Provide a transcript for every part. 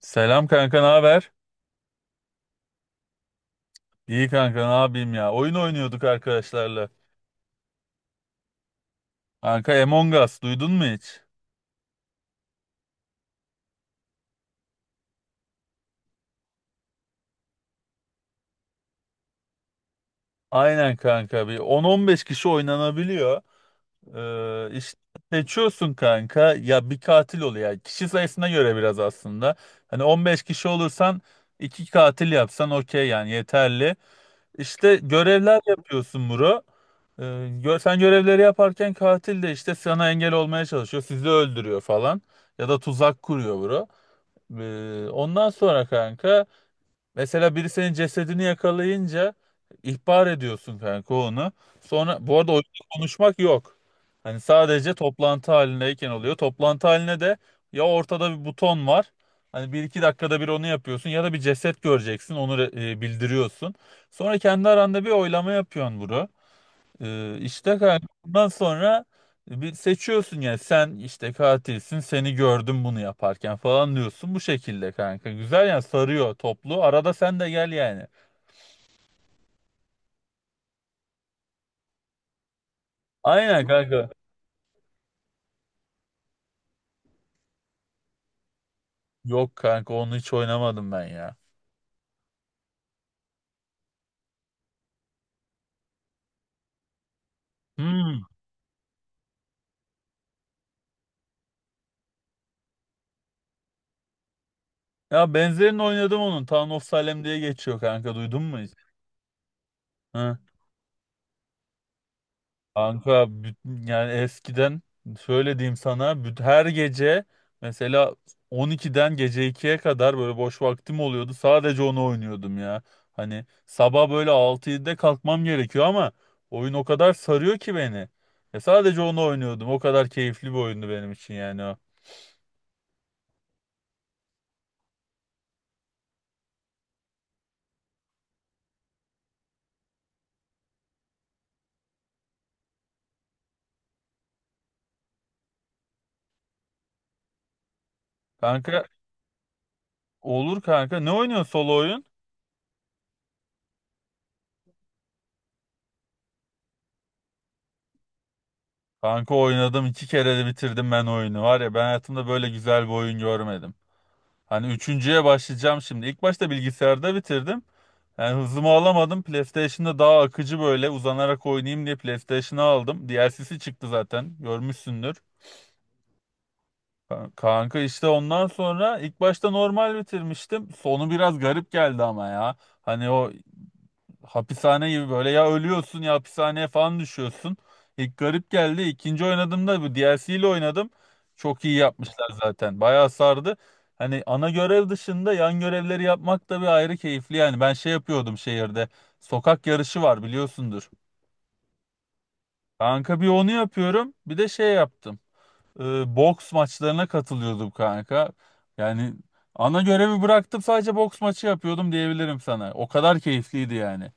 Selam kanka, ne haber? İyi kanka, ne yapayım ya? Oyun oynuyorduk arkadaşlarla. Kanka Among Us duydun mu hiç? Aynen kanka bir 10-15 kişi oynanabiliyor. İşte seçiyorsun kanka ya bir katil oluyor. Yani kişi sayısına göre biraz aslında. Hani 15 kişi olursan iki katil yapsan okey yani yeterli. İşte görevler yapıyorsun bro. Ee, Sen görevleri yaparken katil de işte sana engel olmaya çalışıyor. Sizi öldürüyor falan. Ya da tuzak kuruyor bro. Ondan sonra kanka mesela biri senin cesedini yakalayınca ihbar ediyorsun kanka onu. Sonra bu arada oyunda konuşmak yok. Hani sadece toplantı halindeyken oluyor. Toplantı haline de ya ortada bir buton var. Hani bir iki dakikada bir onu yapıyorsun ya da bir ceset göreceksin onu bildiriyorsun. Sonra kendi aranda bir oylama yapıyorsun bunu. İşte kanka bundan sonra bir seçiyorsun yani sen işte katilsin, seni gördüm bunu yaparken falan diyorsun bu şekilde kanka. Güzel yani sarıyor, toplu arada sen de gel yani. Aynen kanka. Yok kanka, onu hiç oynamadım ben ya. Hmm. Ya benzerini oynadım onun. Town of Salem diye geçiyor kanka, duydun mu hiç? Hı. Kanka yani eskiden şöyle diyeyim sana, her gece mesela 12'den gece 2'ye kadar böyle boş vaktim oluyordu. Sadece onu oynuyordum ya. Hani sabah böyle 6-7'de kalkmam gerekiyor ama oyun o kadar sarıyor ki beni. E sadece onu oynuyordum. O kadar keyifli bir oyundu benim için yani o. Kanka olur kanka. Ne oynuyorsun solo oyun? Kanka oynadım, iki kere de bitirdim ben oyunu. Var ya, ben hayatımda böyle güzel bir oyun görmedim. Hani üçüncüye başlayacağım şimdi. İlk başta bilgisayarda bitirdim. Yani hızımı alamadım. PlayStation'da daha akıcı böyle uzanarak oynayayım diye PlayStation'ı aldım. DLC'si çıktı zaten. Görmüşsündür. Kanka işte ondan sonra ilk başta normal bitirmiştim. Sonu biraz garip geldi ama ya. Hani o hapishane gibi böyle, ya ölüyorsun ya hapishaneye falan düşüyorsun. İlk garip geldi. İkinci oynadığımda bu DLC ile oynadım. Çok iyi yapmışlar zaten. Bayağı sardı. Hani ana görev dışında yan görevleri yapmak da bir ayrı keyifli yani. Ben şey yapıyordum şehirde. Sokak yarışı var, biliyorsundur. Kanka bir onu yapıyorum. Bir de şey yaptım. Boks maçlarına katılıyordum kanka. Yani ana görevi bıraktım, sadece boks maçı yapıyordum diyebilirim sana. O kadar keyifliydi yani.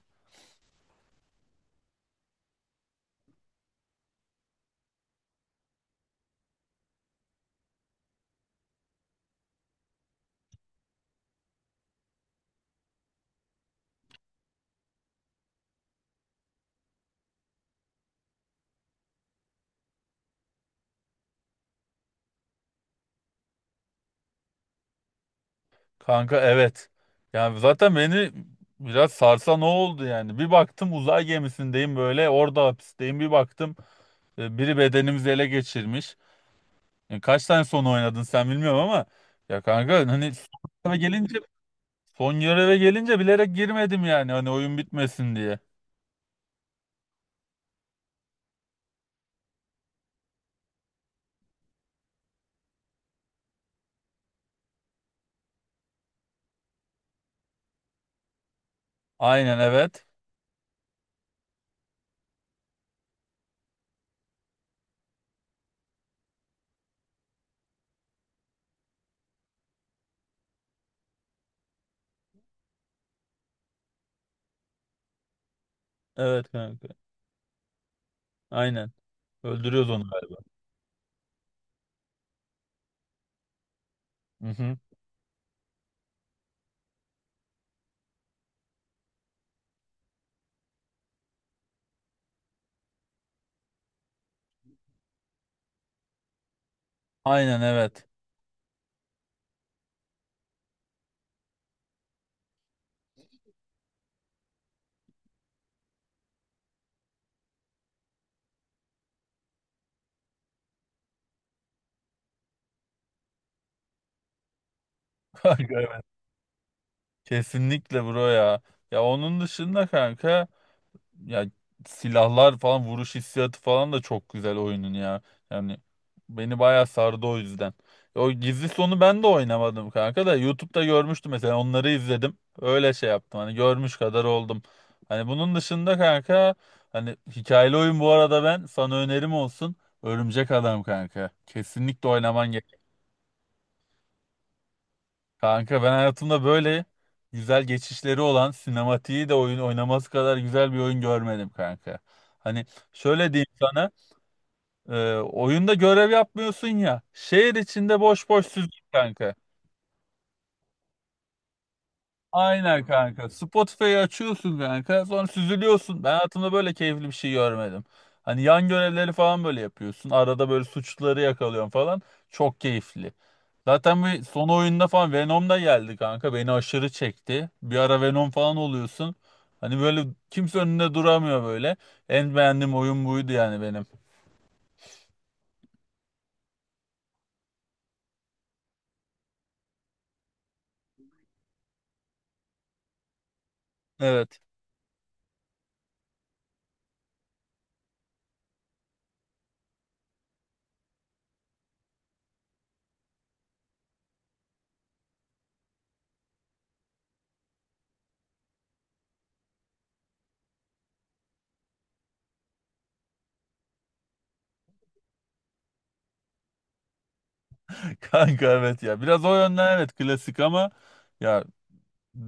Kanka evet. Yani zaten beni biraz sarsan o oldu yani. Bir baktım uzay gemisindeyim böyle, orada hapisteyim. Bir baktım biri bedenimizi ele geçirmiş. Yani kaç tane son oynadın sen bilmiyorum ama ya kanka hani göreve gelince son göreve gelince bilerek girmedim yani hani oyun bitmesin diye. Aynen evet. Evet kanka. Aynen. Öldürüyoruz onu galiba. Hı hı. Aynen evet. Kanka evet. Kesinlikle bro ya. Ya onun dışında kanka, ya silahlar falan, vuruş hissiyatı falan da çok güzel oyunun ya. Yani beni bayağı sardı o yüzden. O gizli sonu ben de oynamadım kanka da YouTube'da görmüştüm, mesela onları izledim. Öyle şey yaptım, hani görmüş kadar oldum. Hani bunun dışında kanka, hani hikayeli oyun, bu arada ben sana önerim olsun. Örümcek Adam kanka. Kesinlikle oynaman. Kanka ben hayatımda böyle güzel geçişleri olan, sinematiği de oyun oynaması kadar güzel bir oyun görmedim kanka. Hani şöyle diyeyim sana, oyunda görev yapmıyorsun ya, şehir içinde boş boş süzül kanka. Aynen kanka, Spotify'ı açıyorsun kanka, sonra süzülüyorsun. Ben hayatımda böyle keyifli bir şey görmedim. Hani yan görevleri falan böyle yapıyorsun, arada böyle suçluları yakalıyorsun falan, çok keyifli. Zaten bir son oyunda falan Venom da geldi kanka. Beni aşırı çekti. Bir ara Venom falan oluyorsun. Hani böyle kimse önünde duramıyor böyle. En beğendiğim oyun buydu yani benim. Evet. Kanka evet ya. Biraz o yönden evet klasik ama ya,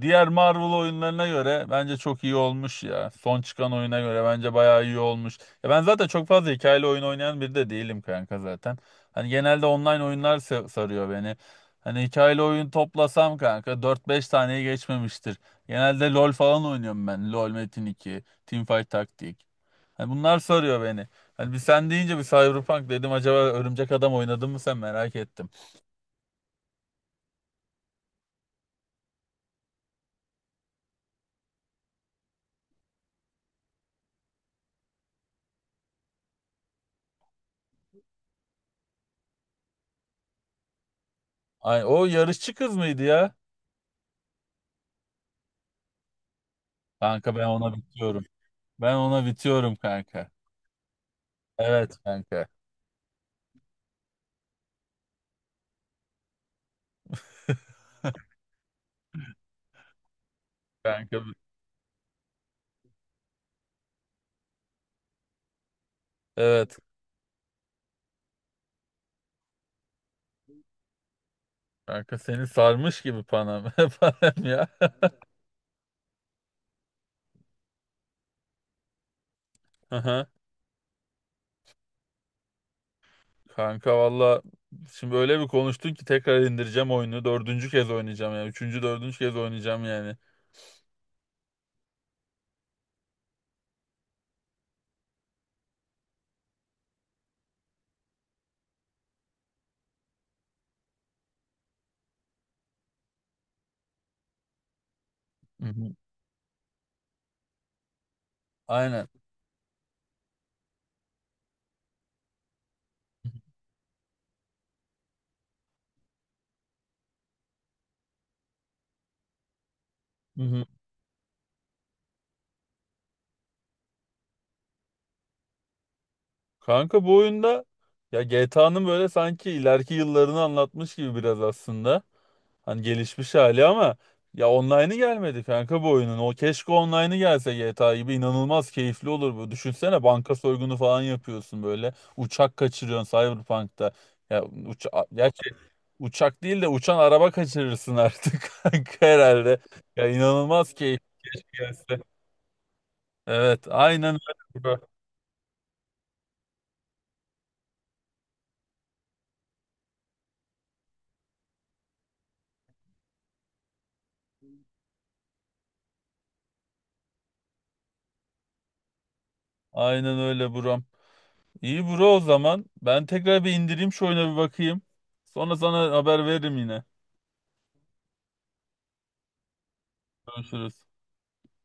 diğer Marvel oyunlarına göre bence çok iyi olmuş ya. Son çıkan oyuna göre bence bayağı iyi olmuş. Ya ben zaten çok fazla hikayeli oyun oynayan biri de değilim kanka zaten. Hani genelde online oyunlar sarıyor beni. Hani hikayeli oyun toplasam kanka dört beş taneyi geçmemiştir. Genelde LoL falan oynuyorum ben. LoL, Metin iki, Teamfight Taktik. Hani bunlar sarıyor beni. Hani bir sen deyince bir Cyberpunk dedim, acaba Örümcek Adam oynadın mı sen, merak ettim. Ay, o yarışçı kız mıydı ya? Kanka ben ona bitiyorum. Ben ona bitiyorum kanka. Evet kanka. Kanka evet. Kanka seni sarmış gibi panam panam ya. Aha. Kanka valla, şimdi öyle bir konuştun ki tekrar indireceğim oyunu. Dördüncü kez oynayacağım yani. Üçüncü, dördüncü kez oynayacağım yani. Hı hı. Aynen. Hı hı. Kanka bu oyunda ya GTA'nın böyle sanki ileriki yıllarını anlatmış gibi biraz aslında. Hani gelişmiş hali ama ya online'ı gelmedi kanka bu oyunun. O keşke online'ı gelse GTA gibi inanılmaz keyifli olur bu. Düşünsene, banka soygunu falan yapıyorsun böyle. Uçak kaçırıyorsun Cyberpunk'ta. Ya gerçi uçak değil de uçan araba kaçırırsın artık kanka herhalde. Ya inanılmaz keyifli gelse. Evet, aynen öyle bro. Aynen öyle buram. İyi bro o zaman. Ben tekrar bir indireyim, şu oyuna bir bakayım. Sonra sana haber veririm yine. Görüşürüz.